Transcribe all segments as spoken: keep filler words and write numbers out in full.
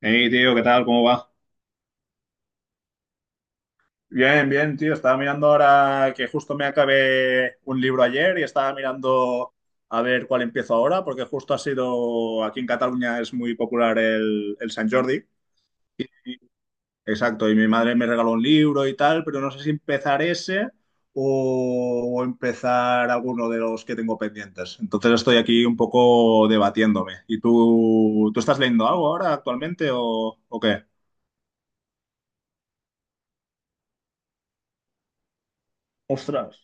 Hey, tío, ¿qué tal? ¿Cómo va? Bien, bien, tío. Estaba mirando ahora que justo me acabé un libro ayer y estaba mirando a ver cuál empiezo ahora, porque justo ha sido, aquí en Cataluña es muy popular el, el Sant Jordi. Exacto, y mi madre me regaló un libro y tal, pero no sé si empezar ese o, o empezar alguno de los que tengo pendientes. Entonces estoy aquí un poco debatiéndome. ¿Y tú, tú estás leyendo algo ahora actualmente o, o qué? Ostras.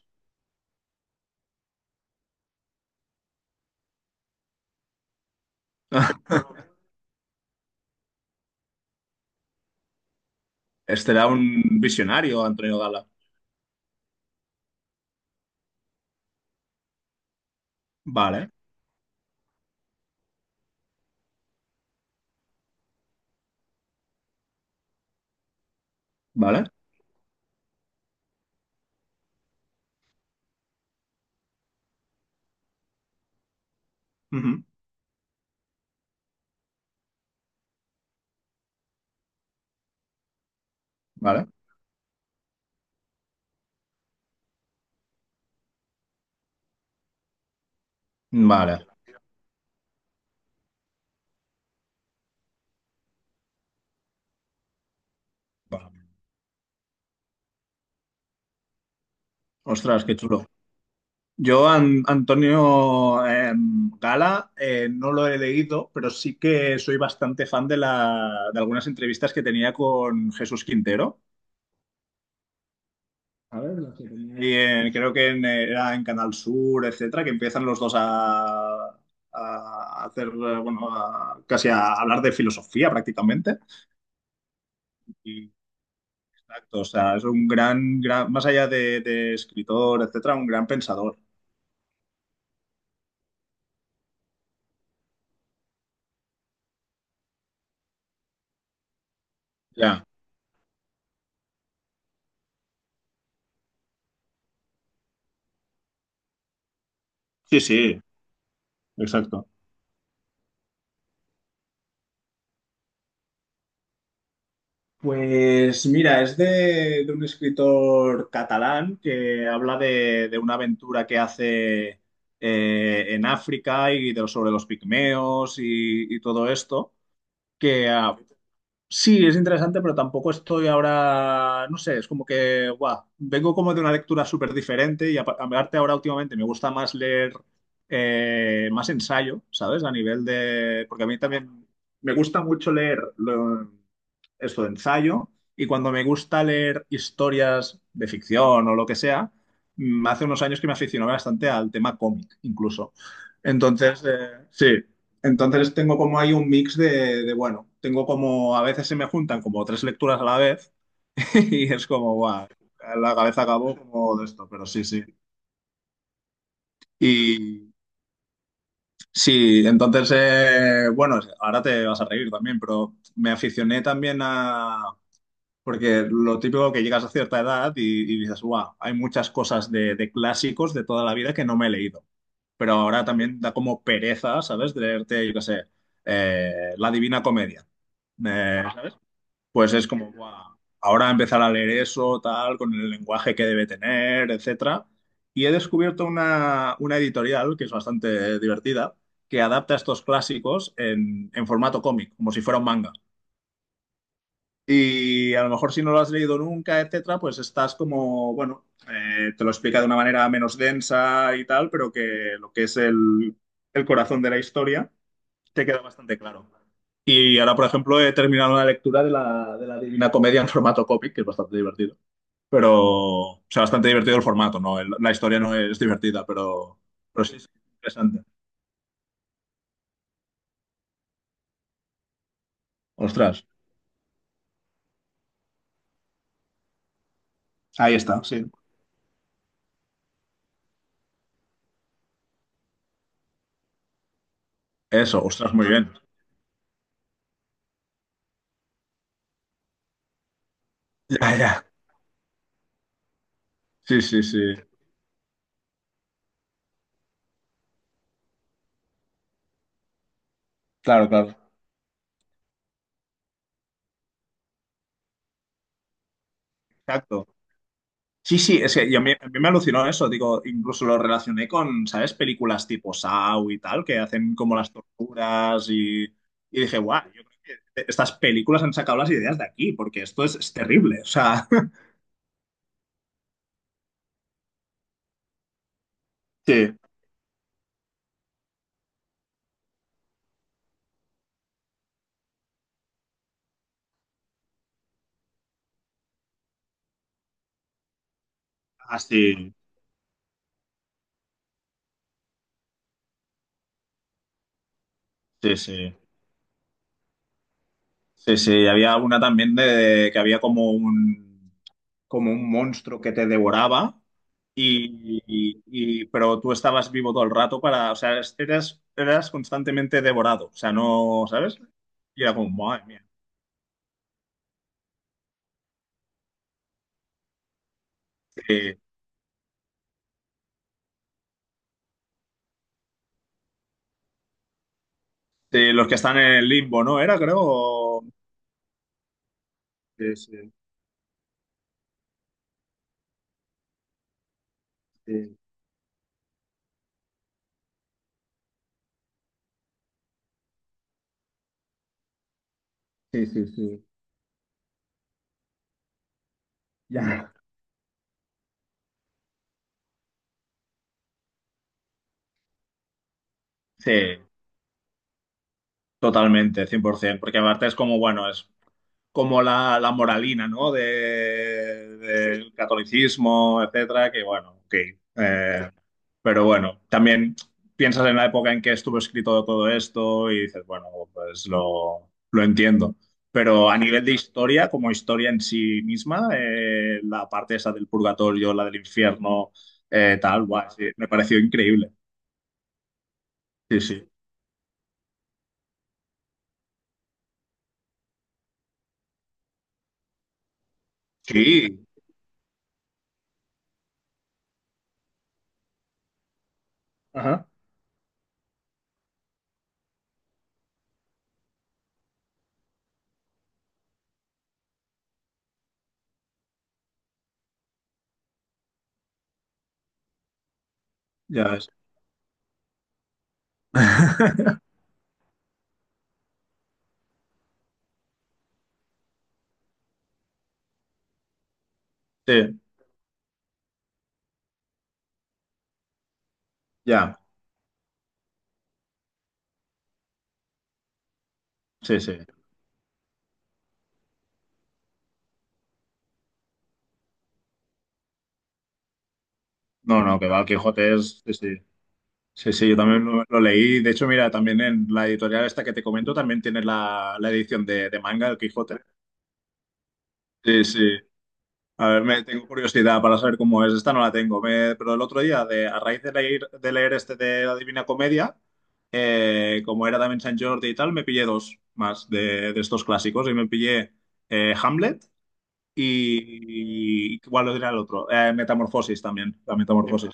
Este un visionario, Antonio Gala. Vale, vale, ujú, vale, vale, vale. Ostras, qué chulo. Yo, An- Antonio eh, Gala, eh, no lo he leído, pero sí que soy bastante fan de, la, de algunas entrevistas que tenía con Jesús Quintero. A ver, las que tenía. Y en- creo que en, eh, era en Canal Sur, etcétera, que empiezan los dos a, a hacer, eh, bueno, a- casi a hablar de filosofía prácticamente. Exacto, o sea, es un gran, gran más allá de, de escritor, etcétera, un gran pensador. Ya. Sí, sí, exacto. Pues mira, es de, de un escritor catalán que habla de, de una aventura que hace eh, en África y de- sobre los pigmeos y, y todo esto, que ah, sí, es interesante, pero tampoco estoy ahora, no sé, es como que, guau, vengo como de una lectura súper diferente y apa- aparte ahora últimamente me gusta más leer eh, más ensayo, ¿sabes? A nivel de, porque a mí también me gusta mucho leer lo- esto de ensayo y cuando me gusta leer historias de ficción o lo que sea, mm, hace unos años que me aficionaba bastante al tema cómic, incluso. Entonces, eh, sí. Entonces tengo como ahí un mix de, de, bueno, tengo como a veces se me juntan como tres lecturas a la vez y es como, guau, la cabeza acabó como de esto, pero sí, sí. Y sí, entonces, eh, bueno, ahora te vas a reír también, pero me aficioné también a, porque lo típico que llegas a cierta edad y, y dices, wow, hay muchas cosas de, de clásicos de toda la vida que no me he leído. Pero ahora también da como pereza, ¿sabes? De leerte, yo qué sé, eh, La Divina Comedia. Eh, ¿sabes? Pues es como, guau, ahora empezar a leer eso, tal, con el lenguaje que debe tener, etcétera. Y he descubierto una, una editorial que es bastante divertida, que adapta estos clásicos en, en formato cómic, como si fuera un manga. Y a lo mejor si no lo has leído nunca, etcétera, pues estás como, bueno, eh, te lo explica de una manera menos densa y tal, pero que lo que es el, el corazón de la historia te queda bastante claro. Y ahora, por ejemplo, he terminado una lectura de la, de la Divina Comedia en formato cómic, que es bastante divertido. Pero, o sea, bastante divertido el formato, ¿no? El- la historia no es divertida, pero, pero sí es interesante. Ostras, ahí está, sí. Eso, ostras, muy bien. Ya, ya. Sí, sí, sí. Claro, claro. Exacto. Sí, sí, es que y a mí, a mí me alucinó eso, digo, incluso lo relacioné con, ¿sabes? Películas tipo Saw y tal, que hacen como las torturas y, y dije, guau, yo creo que e, estas películas han sacado las ideas de aquí, porque esto es, es terrible, o sea, sí, así, sí, sí, sí, sí, había una también de, que había como un, como un monstruo que te devoraba, y, y- y- pero tú estabas vivo todo el rato para, o sea, es- eras, eras constantemente devorado, o sea, no, ¿sabes? Y era como, madre mía, que- que los que están en el limbo, ¿no? Era, creo. O- Sí, sí, sí, sí, sí, sí. Ya. Sí, totalmente, cien por ciento, porque aparte es como, bueno, es como la, la moralina, ¿no? De, del catolicismo, etcétera, que bueno, ok. Eh, pero bueno, también piensas en la época en que estuvo escrito todo esto y dices, bueno, pues lo, lo entiendo. Pero a nivel de historia, como historia en sí misma, eh, la parte esa del purgatorio, la del infierno, eh, tal, guay, sí, me pareció increíble. Sí, sí. Sí. Ajá. Ya ves. Sí, ya. Sí, sí. No, no, que va, Quijote es... Sí, sí, sí, sí, yo también lo, lo leí. De hecho, mira, también en la editorial esta que te comento también tiene la, la edición de, de manga del Quijote. Sí, sí. A ver, me, tengo curiosidad para saber cómo es. Esta no la tengo, me- pero el otro día, de, a raíz de leer, de leer este de la Divina Comedia, eh, como era también San Jordi y tal, me pillé dos más de, de estos clásicos y me pillé eh, Hamlet y, y ¿cuál era el otro? Eh, Metamorfosis también, la Metamorfosis.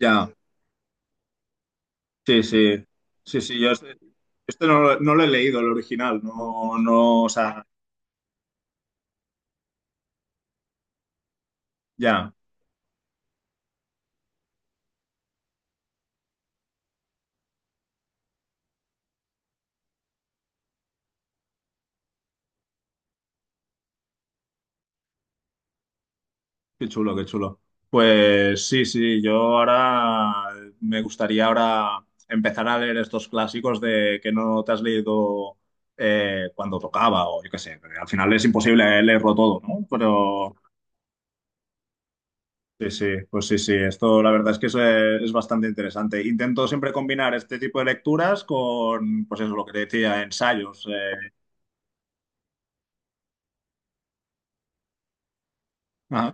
Ya. Sí, sí, sí, sí, yo este, este no, lo no lo he leído, el original, no, no, o sea, ya, qué chulo, qué chulo. Pues sí, sí, yo ahora me gustaría ahora empezar a leer estos clásicos de que no te has leído eh, cuando tocaba o yo qué sé, porque al final es imposible eh, leerlo todo, ¿no? Pero sí, sí, pues sí, sí, esto la verdad es que es, eh, es bastante interesante. Intento siempre combinar este tipo de lecturas con, pues eso, lo que te decía, ensayos. eh,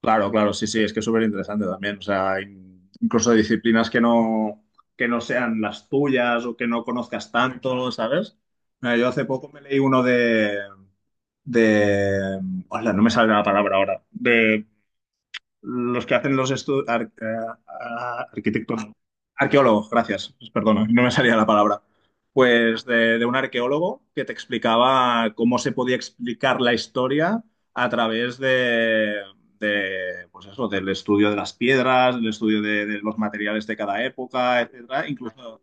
Claro, claro, sí, sí, es que es súper interesante también. O sea, in- incluso disciplinas que no, que no sean las tuyas o que no conozcas tanto, ¿sabes? Mira, yo hace poco me leí uno de, de, hola, no me sale la palabra ahora, de los que hacen los estudios, arquitectos, arqueólogos, gracias, perdona, no me salía la palabra. Pues de, de un arqueólogo que te explicaba cómo se podía explicar la historia a través de, de, pues eso, del estudio de las piedras, del estudio de, de los materiales de cada época, etcétera, incluso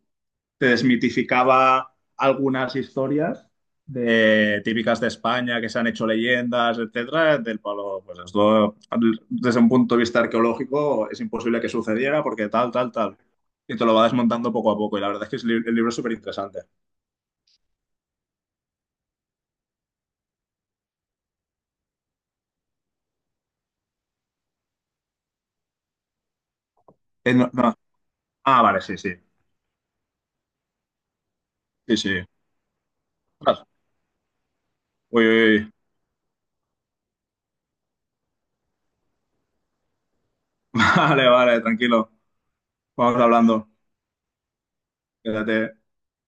te desmitificaba algunas historias de, típicas de España que se han hecho leyendas, etcétera, del palo, pues esto desde un punto de vista arqueológico es imposible que sucediera porque tal, tal, tal. Y te lo va desmontando poco a poco. Y la verdad es que es li- el libro es súper interesante. Eh, no- no. Ah, vale, sí, sí. Sí, sí. Ostras. Uy, uy, uy. Vale, vale, tranquilo. Vamos hablando. Quédate.